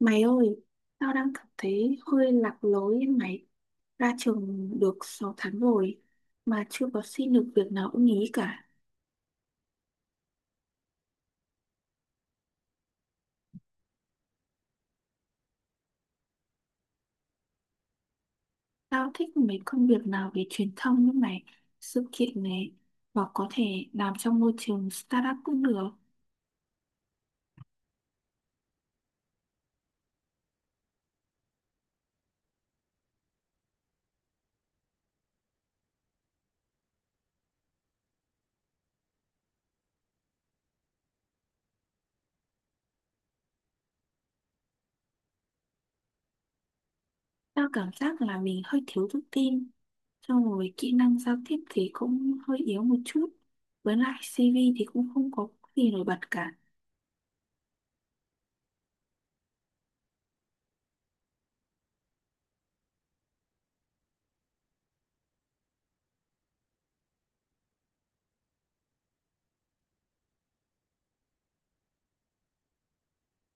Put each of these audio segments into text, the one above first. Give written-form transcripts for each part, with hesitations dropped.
Mày ơi, tao đang cảm thấy hơi lạc lối ấy mày. Ra trường được 6 tháng rồi mà chưa có xin được việc nào ưng ý cả. Tao thích mấy công việc nào về truyền thông như mày, sự kiện này hoặc có thể làm trong môi trường startup cũng được. Tao cảm giác là mình hơi thiếu tự tin. Xong rồi kỹ năng giao tiếp thì cũng hơi yếu một chút. Với lại CV thì cũng không có gì nổi bật cả.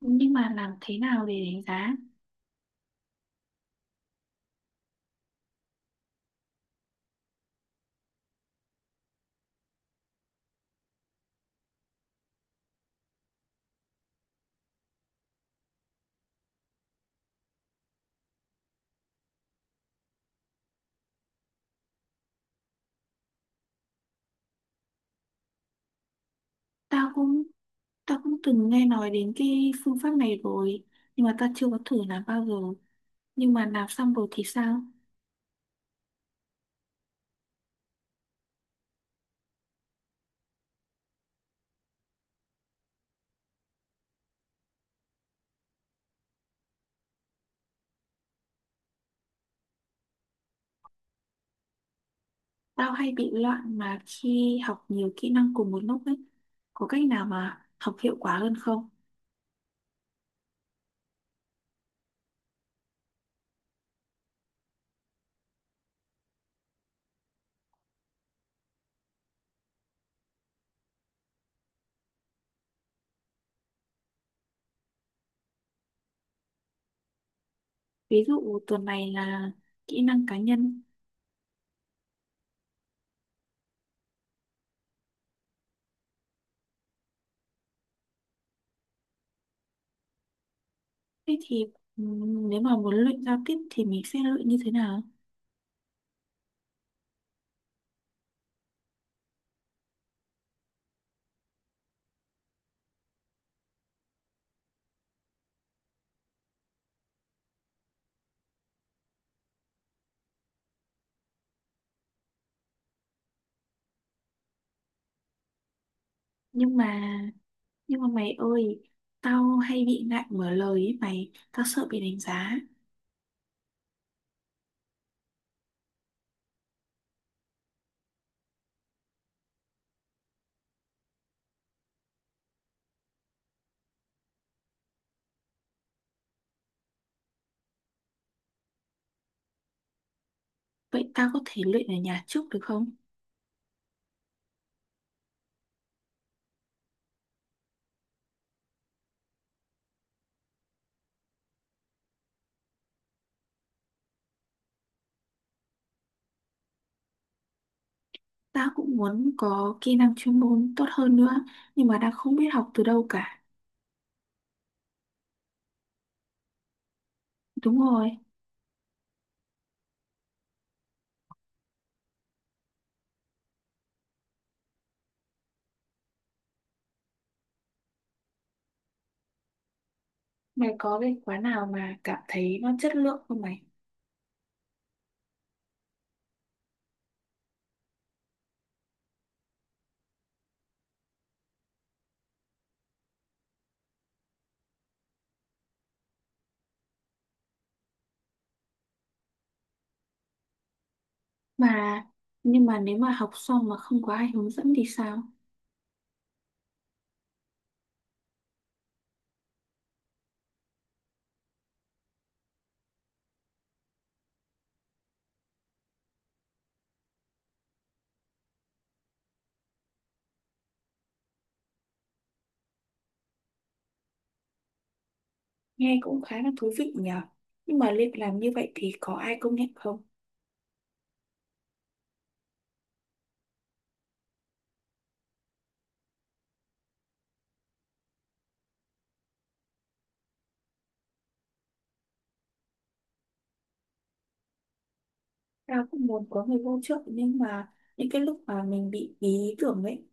Nhưng mà làm thế nào để đánh giá? Tao cũng tao cũng từng nghe nói đến cái phương pháp này rồi, nhưng mà tao chưa có thử làm bao giờ. Nhưng mà làm xong rồi thì sao? Tao hay bị loạn mà khi học nhiều kỹ năng cùng một lúc ấy, có cách nào mà học hiệu quả hơn không? Ví dụ tuần này là kỹ năng cá nhân. Thế thì nếu mà muốn luyện giao tiếp thì mình sẽ luyện như thế nào? Nhưng mà nhưng mà mày ơi, tao hay bị ngại mở lời ấy mày, tao sợ bị đánh giá. Vậy tao có thể luyện ở nhà trước được không? Tao cũng muốn có kỹ năng chuyên môn tốt hơn nữa, nhưng mà đang không biết học từ đâu cả. Đúng rồi. Mày có cái khóa nào mà cảm thấy nó chất lượng không mày? Mà, nhưng mà nếu mà học xong mà không có ai hướng dẫn thì sao? Nghe cũng khá là thú vị nhở. Nhưng mà liệu làm như vậy thì có ai công nhận không? Tao cũng muốn có người hỗ trợ, nhưng mà những cái lúc mà mình bị ý tưởng ấy,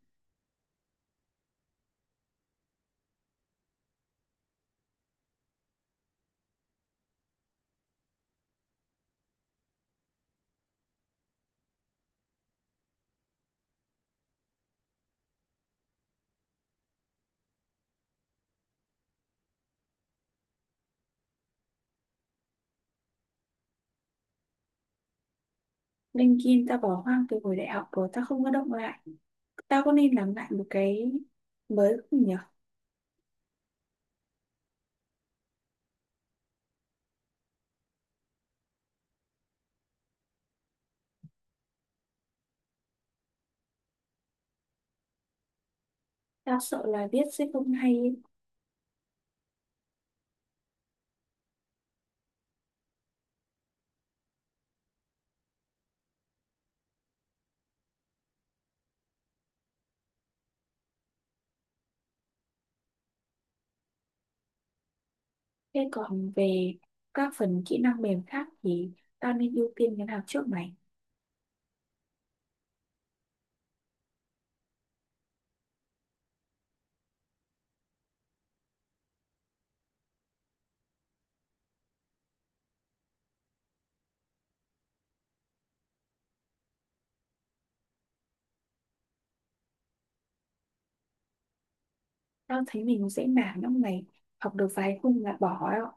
LinkedIn tao bỏ hoang từ hồi đại học rồi, tao không có động lại. Tao có nên làm lại một cái mới không nhỉ? Tao sợ là viết sẽ không hay ấy. Thế còn về các phần kỹ năng mềm khác thì tao nên ưu tiên cái nào trước mày? Tao thấy mình dễ nản lắm mày. Học được vài khung là bỏ đó.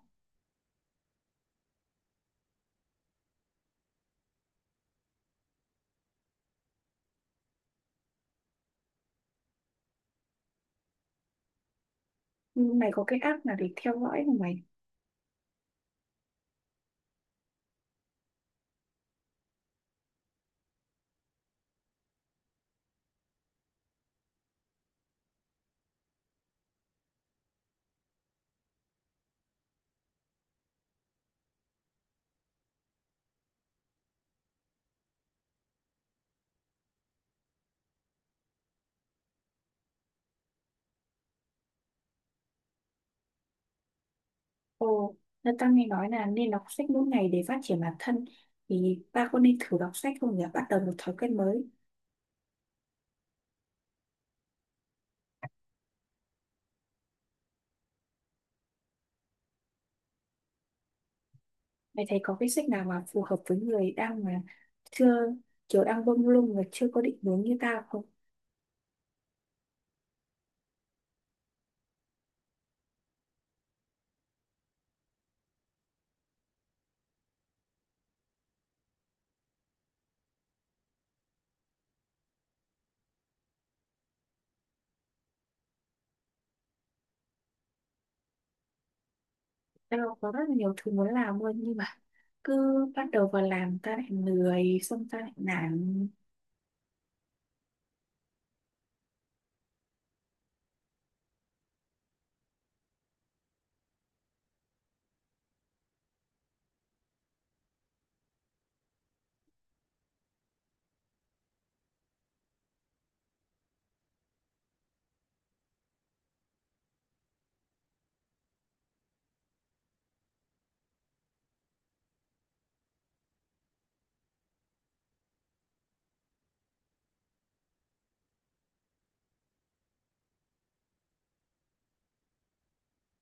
Nhưng mày có cái app nào để theo dõi không mày? Ồ, là tao nghe nói là nên đọc sách mỗi ngày để phát triển bản thân. Thì ta có nên thử đọc sách không nhỉ? Bắt đầu một thói quen mới. Mày thấy có cái sách nào mà phù hợp với người đang mà chưa kiểu đang bông lung và chưa có định hướng như tao không? Tao có rất là nhiều thứ muốn làm luôn, nhưng mà cứ bắt đầu vào làm ta lại lười, xong ta lại nản.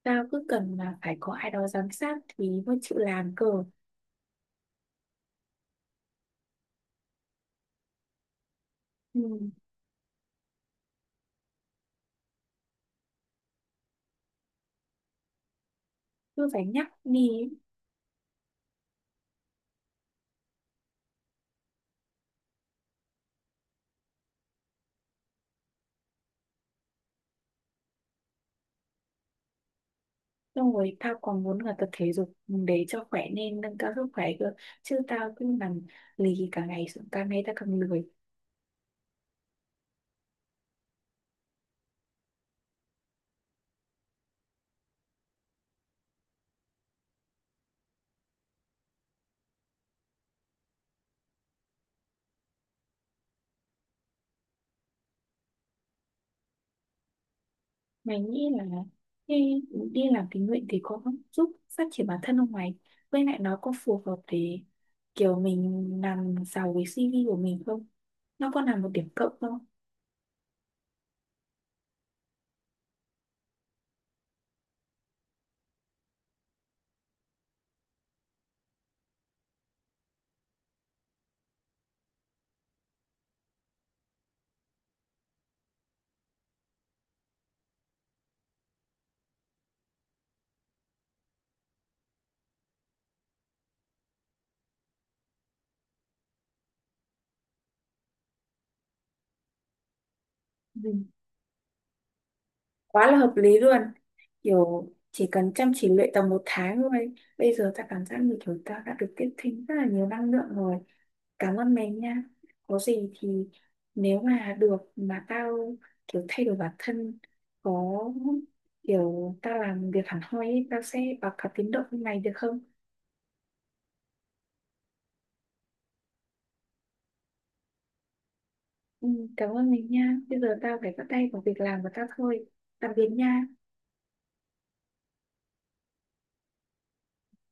Tao cứ cần là phải có ai đó giám sát thì mới chịu làm cơ. Ừ. Cứ phải nhắc đi ấy. Xong rồi tao còn muốn là tập thể dục để cho khỏe, nên nâng cao sức khỏe cơ, chứ tao cứ nằm lì cả ngày, xong càng ngày tao càng lười. Mày nghĩ là khi đi làm tình nguyện thì có giúp phát triển bản thân không mày? Với lại nó có phù hợp để kiểu mình làm giàu với CV của mình không? Nó có là một điểm cộng không? Ừ, quá là hợp lý luôn, kiểu chỉ cần chăm chỉ luyện tầm 1 tháng thôi, bây giờ ta cảm giác như kiểu ta đã được tiếp thêm rất là nhiều năng lượng rồi. Cảm ơn mình nha. Có gì thì nếu mà được mà tao kiểu thay đổi bản thân, có kiểu tao làm việc hẳn hoi ấy, tao sẽ báo cáo tiến độ với mày được không? Ừ, cảm ơn mình nha, bây giờ tao phải bắt tay vào việc làm của tao thôi. Tạm biệt nha.